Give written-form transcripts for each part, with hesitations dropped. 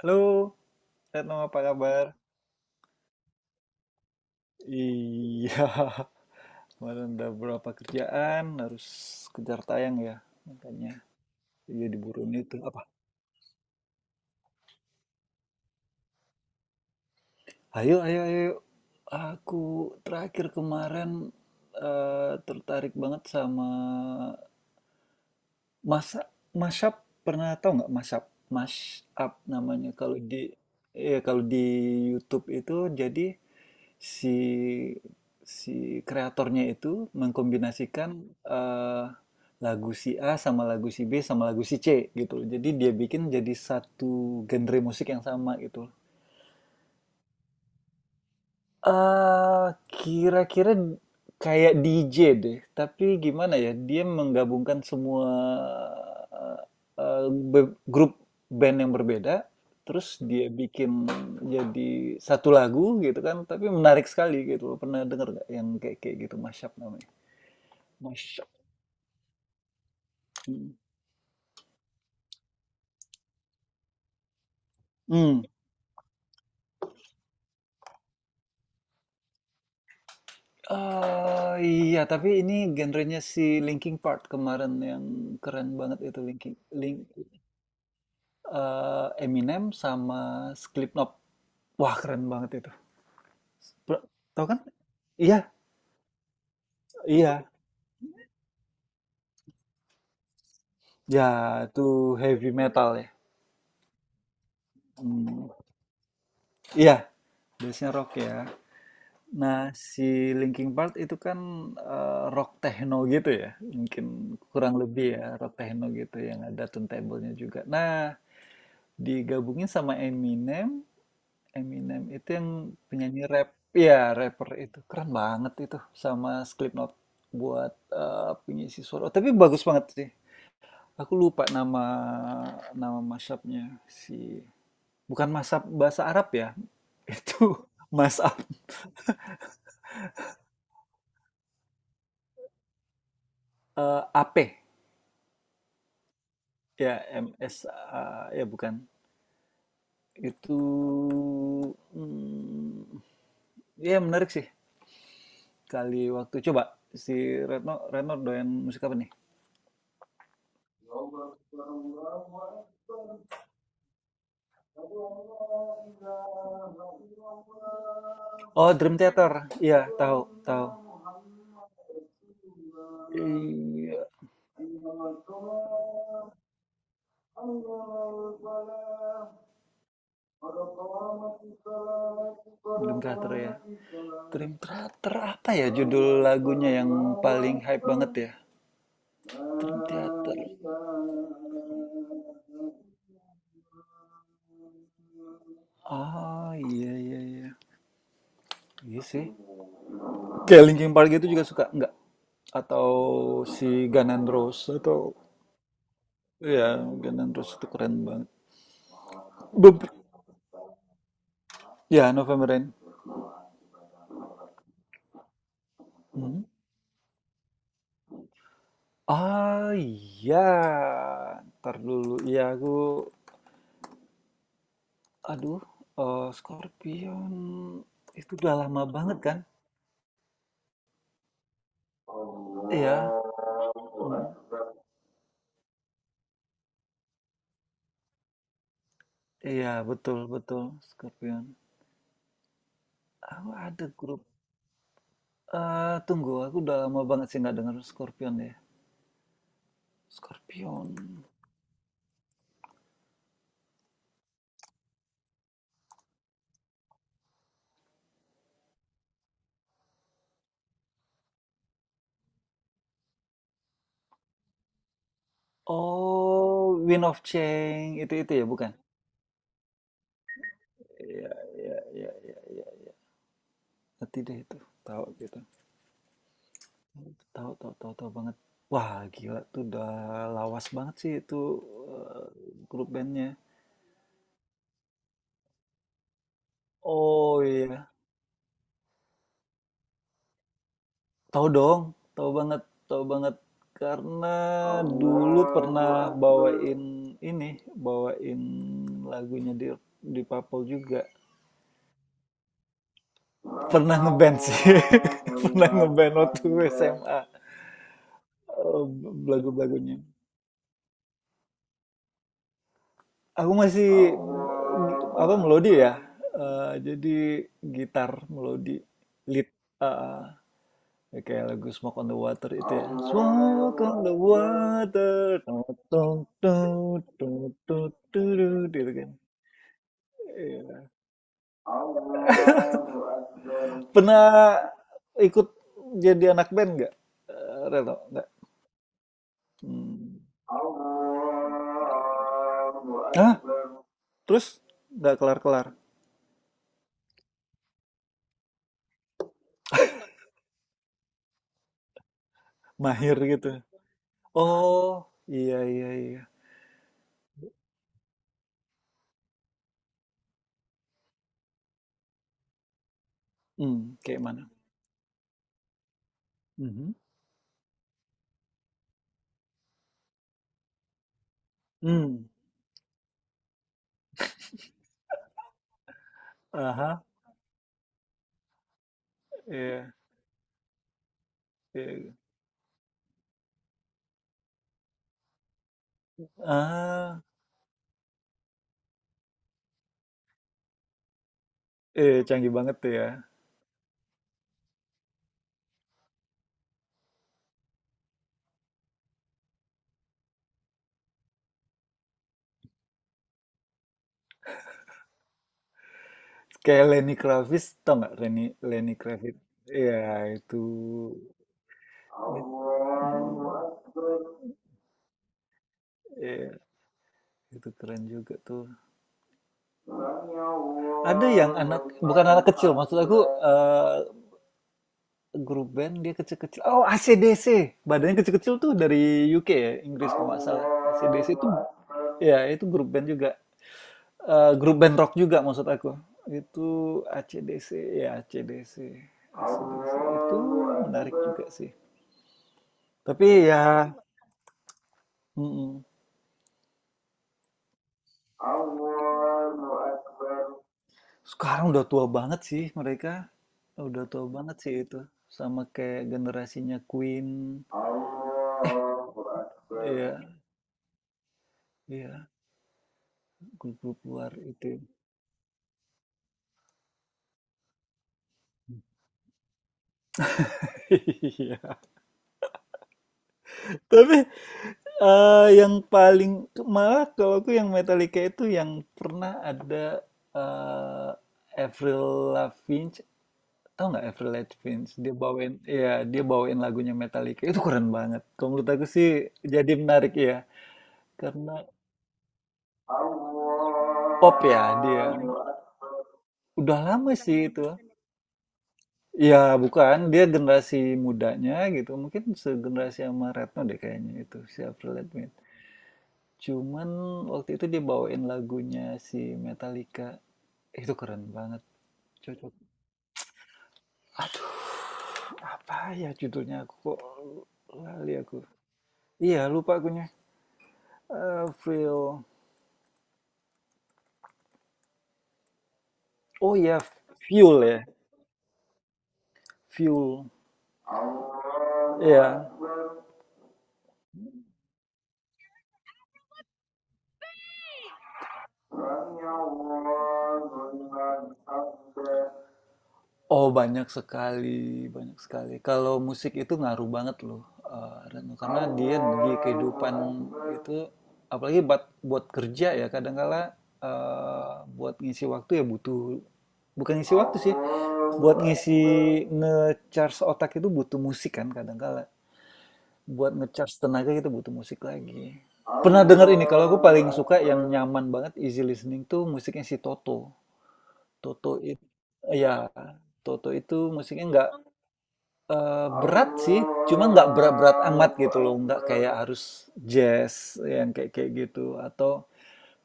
Halo, Retno apa kabar? Iya, kemarin ada beberapa kerjaan, harus kejar tayang ya, makanya iya diburuin itu. Apa? Ayo, ayo, ayo. Aku terakhir kemarin tertarik banget sama masa mashup. Pernah tau nggak mashup? Mashup namanya. Ya kalau di YouTube itu jadi si si kreatornya itu mengkombinasikan eh, lagu si A sama lagu si B sama lagu si C gitu. Jadi dia bikin jadi satu genre musik yang sama gitu. Eee, Kira-kira kayak DJ deh, tapi gimana ya, dia menggabungkan semua, eee, be grup band yang berbeda, terus dia bikin jadi satu lagu gitu kan, tapi menarik sekali gitu loh. Pernah denger nggak yang kayak kayak gitu, mashup namanya? Mashup, hmm Mmm, iya, tapi ini genrenya si Linkin Park kemarin yang keren banget itu, Link Eminem sama Slipknot. Wah, keren banget itu. Ber tahu kan? Iya iya. Ya, itu heavy metal ya? Mmm, iya, base rock ya. Nah, si Linkin Park itu kan, rock techno gitu ya, mungkin kurang lebih ya, rock techno gitu yang ada turntable juga. Nah, digabungin sama Eminem. Eminem itu yang penyanyi rap, iya, rapper itu keren banget itu sama Slipknot buat pengisi suara. Oh, tapi bagus banget sih. Aku lupa nama nama mashup-nya si bukan mashup bahasa Arab ya. Itu mashup AP ya M S A ya bukan. Itu hmm, ya menarik sih. Kali waktu coba si Retno Retno doyan musik apa nih? Oh, Dream Theater. Iya, tahu, tahu. Iya. Dream Theater ya. Dream Theater apa ya judul lagunya yang paling hype banget ya? Dream Theater. Ah, iya iya iya. Iya sih. Kayak Linkin Park itu juga suka enggak? Atau si Guns N' Roses atau, iya, Guns N' Roses itu keren banget. Beb- Ya, November Rain. Hmm. Ah, iya. Ntar dulu. Iya, aku. Aduh, Scorpion. Itu udah lama banget kan? Iya, iya, betul, betul. Scorpion. Aku ada grup. Tunggu, aku udah lama banget sih nggak denger Scorpion ya. Scorpion. Oh, Wind of Change. Itu-itu ya, bukan? Iya, iya, iya, iya, iya. Nanti deh itu. Tahu gitu. Tahu, tahu, tahu, tahu banget. Wah, gila tuh udah lawas banget sih itu eh, grup bandnya. Oh iya, tahu dong, tahu banget, tahu banget. Karena dulu pernah bawain ini, bawain lagunya di Papel juga. Pernah ngeband sih, pernah ngeband waktu SMA. Eh, Lagu-lagunya. Aku masih apa melodi ya? Jadi gitar melodi lead, eh, ya kayak lagu Smoke on the Water itu ya. Smoke on the water. Tung, tung, tung, tung, tung, tung, gitu kan. Iya. Pernah ikut jadi anak band nggak? Reno, nggak? Hmm. Hah? Terus nggak kelar-kelar? Mahir gitu. Oh, iya iya iya. Kayak mana? Mhm, mmm, ah hah, iya iya. Ah, iya, canggih banget tuh ya. Kayak Lenny Kravitz, tau nggak Lenny Lenny Kravitz? Iya itu iya, itu keren juga tuh. Ada yang anak bukan anak kecil, maksud aku, eh, grup band dia kecil-kecil. Oh, AC/DC. Badannya kecil-kecil tuh dari UK ya, Inggris kalau nggak salah. AC/DC itu ya itu grup band juga. Grup band rock juga maksud aku. Itu AC/DC ya AC/DC. AC/DC itu menarik juga sih. Tapi ya mm-mm. Sekarang udah tua banget sih mereka. Udah tua banget sih itu. Sama kayak generasinya Queen. Iya. Iya, grup-grup luar itu. Iya. Tapi yang paling malah kalau aku yang Metallica itu yang pernah ada eh, Avril Lavigne, tau nggak Avril Lavigne? Ya, dia bawain lagunya Metallica itu keren banget. Kalau menurut aku sih jadi menarik ya, karena pop ya dia. Udah lama sih itu. Ya bukan, dia generasi mudanya gitu, mungkin segenerasi sama Retno deh kayaknya itu si Avril Lavigne. Cuman waktu itu dia bawain lagunya si Metallica. Itu keren banget, cocok. Aduh, apa ya judulnya? Aku kok lali aku. Iya, lupa akunya. Fuel. Oh iya, Fuel ya. Fuel. Iya. Oh, banyak sekali, banyak sekali. Kalau musik itu ngaruh banget loh, Reno. Karena dia di kehidupan itu, apalagi buat kerja ya, kadangkala buat ngisi waktu ya butuh, bukan ngisi waktu sih, buat nge-charge otak itu butuh musik kan kadangkala. Buat nge-charge tenaga itu butuh musik lagi. Pernah dengar ini, kalau aku paling suka yang nyaman banget, easy listening tuh musiknya si Toto. Toto itu, Ya, Toto itu musiknya nggak, berat sih, cuma nggak berat-berat amat gitu loh, nggak kayak harus jazz yang kayak kayak gitu, atau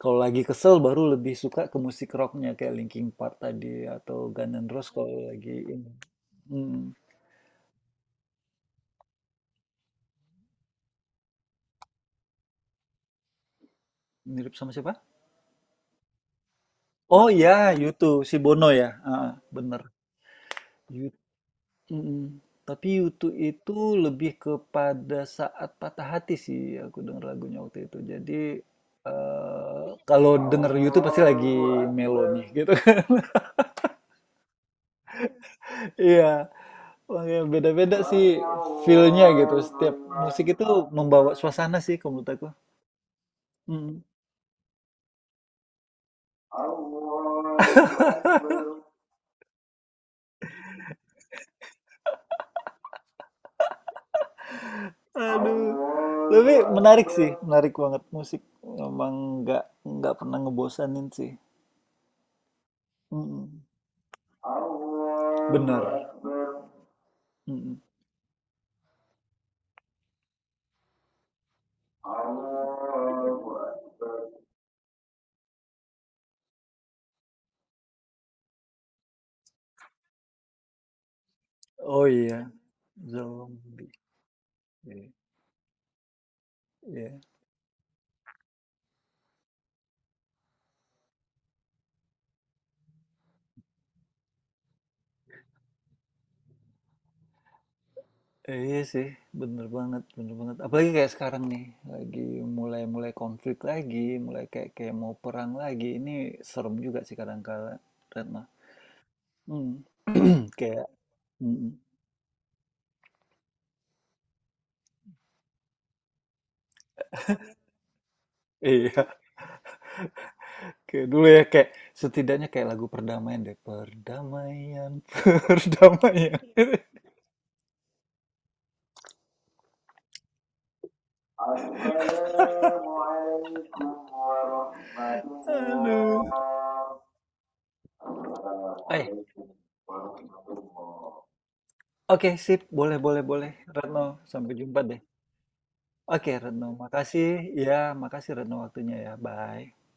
kalau lagi kesel baru lebih suka ke musik rocknya kayak Linkin Park tadi atau Guns N' Roses kalau lagi ini. Mhm, mirip sama siapa? Oh ya, YouTube si Bono ya? Heeh, bener. Mm. Tapi YouTube itu lebih kepada saat patah hati sih aku denger lagunya waktu itu. Jadi kalau denger YouTube pasti lagi melo nih gitu kan. Iya, makanya beda-beda sih feel-nya gitu. Setiap musik itu membawa suasana sih kalau menurut aku. Mm. Aduh, lebih menarik sih, menarik banget musik. Memang nggak pernah ngebosanin sih. Mm. Bener. Mm. Oh iya, zombie, iya iya. Iya sih, bener banget, bener banget. Apalagi kayak sekarang nih, lagi mulai-mulai konflik lagi, mulai kayak kayak mau perang lagi. Ini serem juga sih kadang kala, Retno. Hmm. Kayak mhm. Iya, kayak dulu ya, kayak setidaknya kayak lagu perdamaian deh. Perdamaian, perdamaian. Aduh. Eh, oke sip, boleh, boleh, boleh. Retno, sampai jumpa deh. Oke Retno, makasih. Ya, makasih Retno waktunya ya. Bye.